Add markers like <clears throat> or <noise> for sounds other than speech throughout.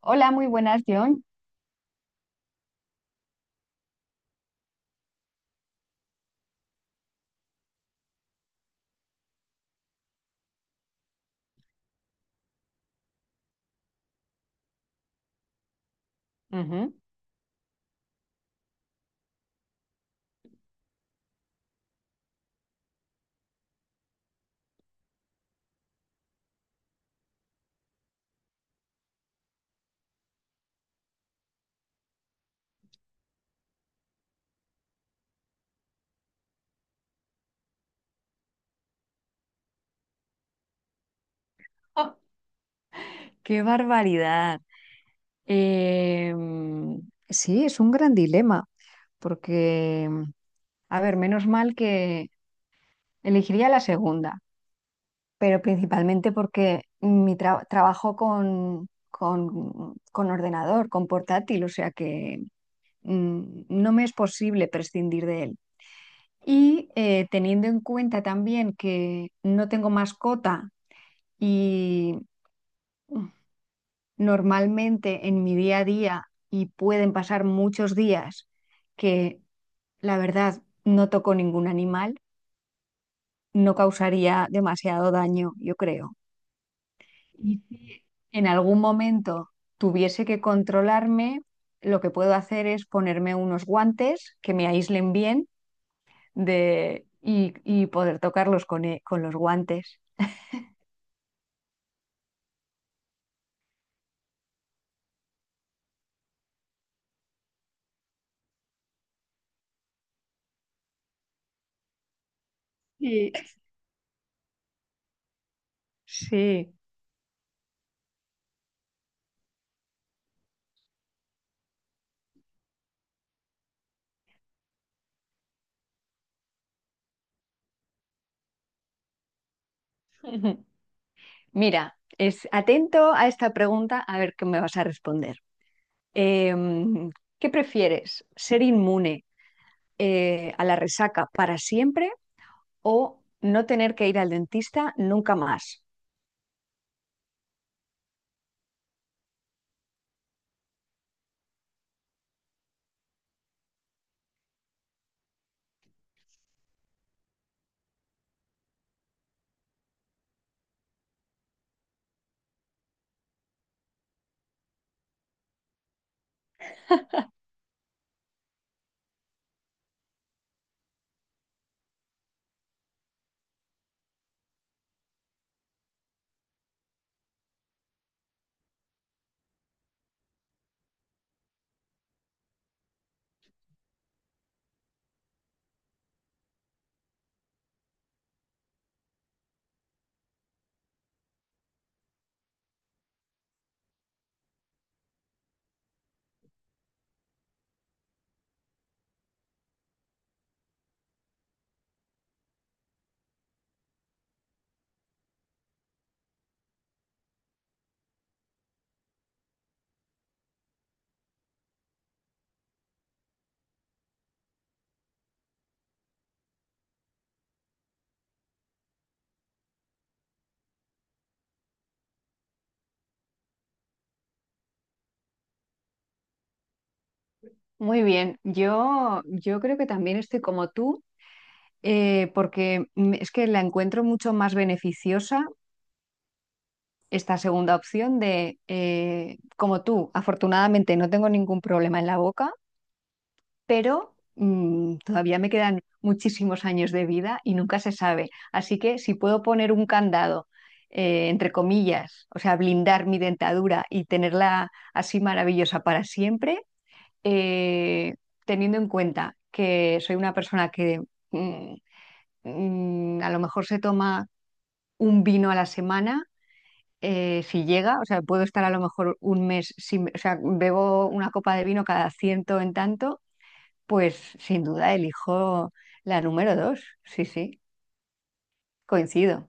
Hola, muy buenas, John. ¡Oh! ¡Qué barbaridad! Em, sí, es un gran dilema, porque, a ver, menos mal que elegiría la segunda, pero principalmente porque mi trabajo con, con ordenador, con portátil, o sea que mm, no me es posible prescindir de él. Y teniendo en cuenta también que no tengo mascota y normalmente en mi día a día y pueden pasar muchos días que la verdad no toco ningún animal, no causaría demasiado daño, yo creo. Y si en algún momento tuviese que controlarme, lo que puedo hacer es ponerme unos guantes que me aíslen bien de, y poder tocarlos con, con los guantes. Sí. Sí. <laughs> Mira, es atento a esta pregunta a ver qué me vas a responder. Em, ¿Qué prefieres? ¿Ser inmune a la resaca para siempre o no tener que ir al dentista nunca más? Muy bien, yo creo que también estoy como tú, porque es que la encuentro mucho más beneficiosa esta segunda opción de, como tú, afortunadamente no tengo ningún problema en la boca, pero todavía me quedan muchísimos años de vida y nunca se sabe. Así que si puedo poner un candado, entre comillas, o sea, blindar mi dentadura y tenerla así maravillosa para siempre, eh, teniendo en cuenta que soy una persona que mm, a lo mejor se toma un vino a la semana. Si llega, o sea, puedo estar a lo mejor un mes sin, o sea, bebo una copa de vino cada ciento en tanto, pues sin duda elijo la número dos. Sí, sí, coincido.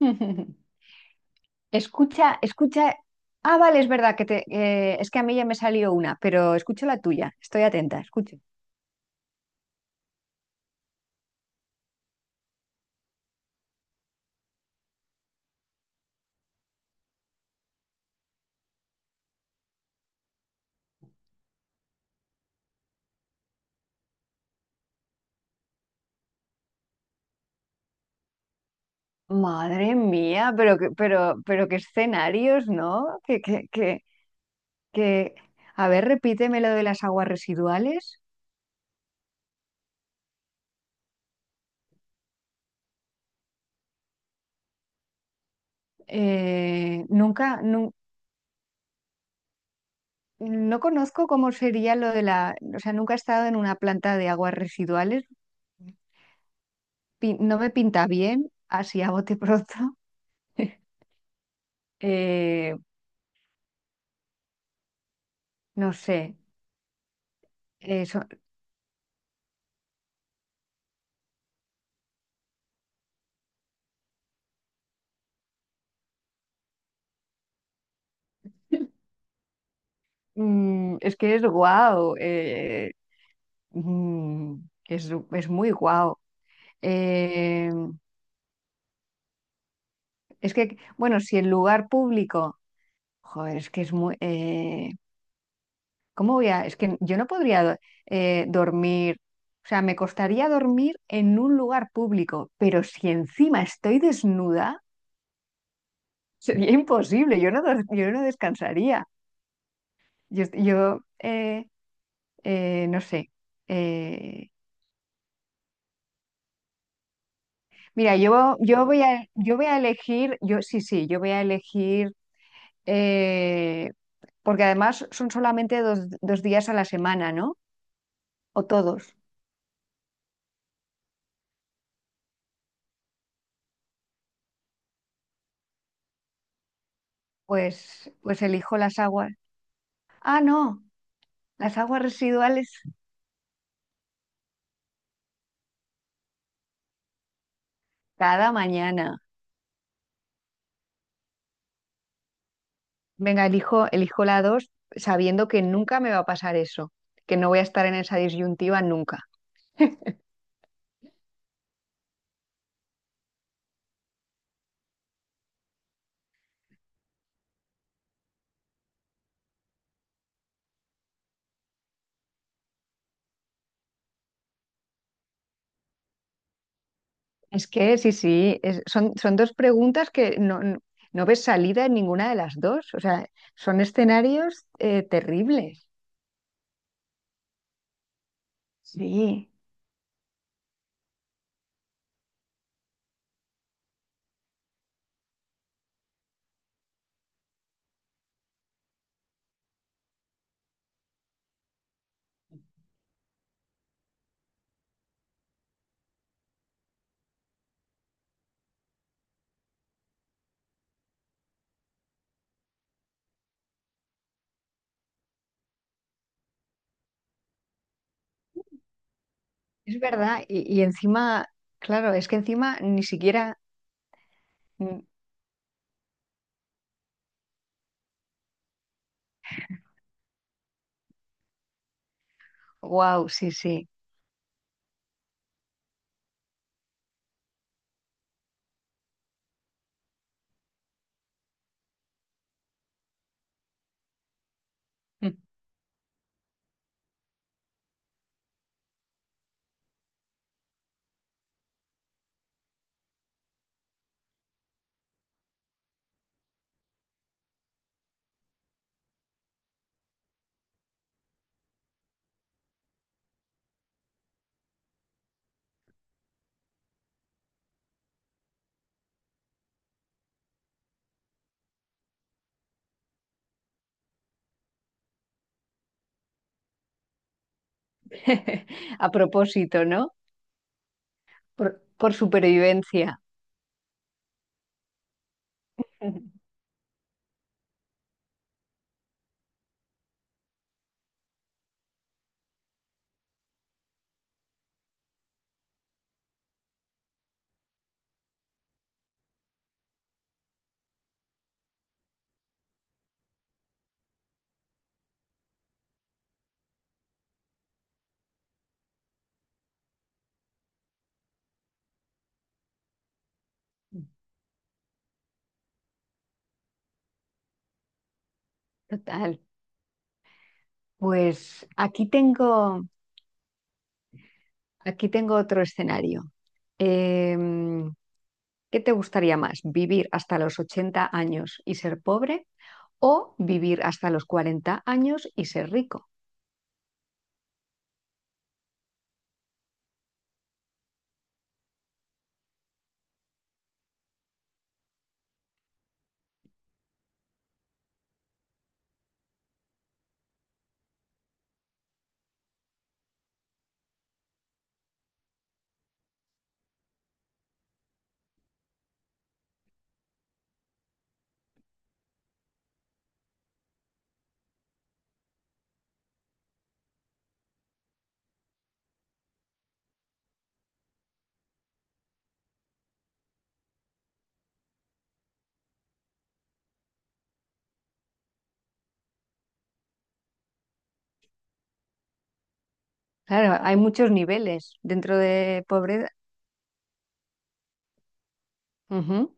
<laughs> Escucha, escucha. Ah, vale, es verdad que es que a mí ya me salió una, pero escucho la tuya. Estoy atenta, escucho. Madre mía, pero que, pero qué escenarios, ¿no? Que... A ver, repíteme lo de las aguas residuales. Nunca, nu- No conozco cómo sería lo de la, o sea, nunca he estado en una planta de aguas residuales. No me pinta bien, así a bote pronto. <laughs> Eh, no sé, eso, es que es guau, mm, es muy guau. Eh, es que, bueno, si el lugar público, joder, es que es muy... ¿cómo voy a...? Es que yo no podría dormir, o sea, me costaría dormir en un lugar público, pero si encima estoy desnuda, sería imposible, yo no, yo no descansaría. Yo No sé. Eh, Mira, yo voy a elegir, yo sí, sí, yo voy a elegir, eh, porque además son solamente dos, dos días a la semana, ¿no? O todos. Pues, pues elijo las aguas. Ah, no, las aguas residuales cada mañana. Venga, elijo, elijo la dos sabiendo que nunca me va a pasar eso, que no voy a estar en esa disyuntiva nunca. Es que sí, sí, son, son dos preguntas que no, no, no ves salida en ninguna de las dos. O sea, son escenarios terribles. Sí. Es verdad. Y encima, claro, es que encima ni siquiera... Wow, sí, sí. Mm. <laughs> A propósito, ¿no? Por supervivencia. <laughs> Total. Pues aquí tengo otro escenario. Em, ¿Qué te gustaría más? ¿Vivir hasta los 80 años y ser pobre o vivir hasta los 40 años y ser rico? Claro, hay muchos niveles dentro de pobreza. Ujú.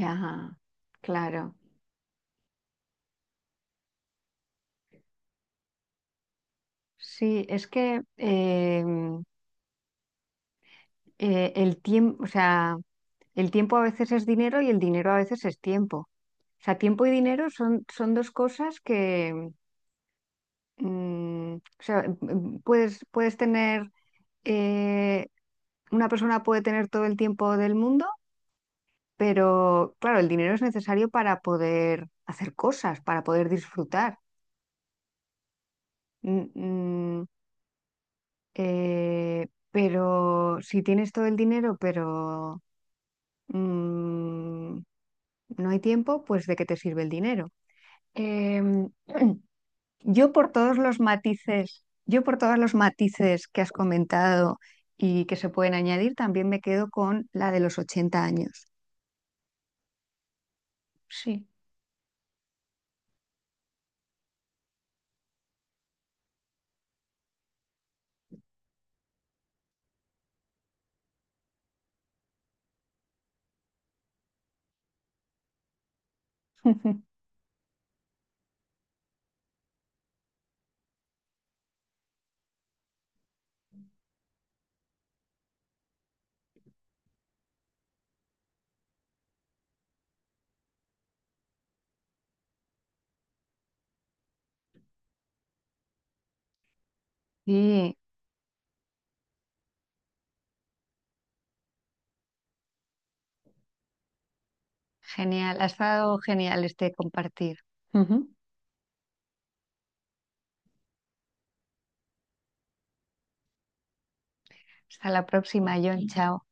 Ya, claro. Sí, es que el tiempo, o sea, el tiempo a veces es dinero y el dinero a veces es tiempo. O sea, tiempo y dinero son, son dos cosas que o sea, puedes, puedes tener eh, una persona puede tener todo el tiempo del mundo, pero claro, el dinero es necesario para poder hacer cosas, para poder disfrutar. Mm, mm, pero si tienes todo el dinero, pero mm, no hay tiempo, pues ¿de qué te sirve el dinero? Em, <clears throat> yo por todos los matices que has comentado y que se pueden añadir, también me quedo con la de los 80 años. Sí. <laughs> Sí. Genial, ha estado genial este compartir. Ujú. Hasta la próxima, John. Chao.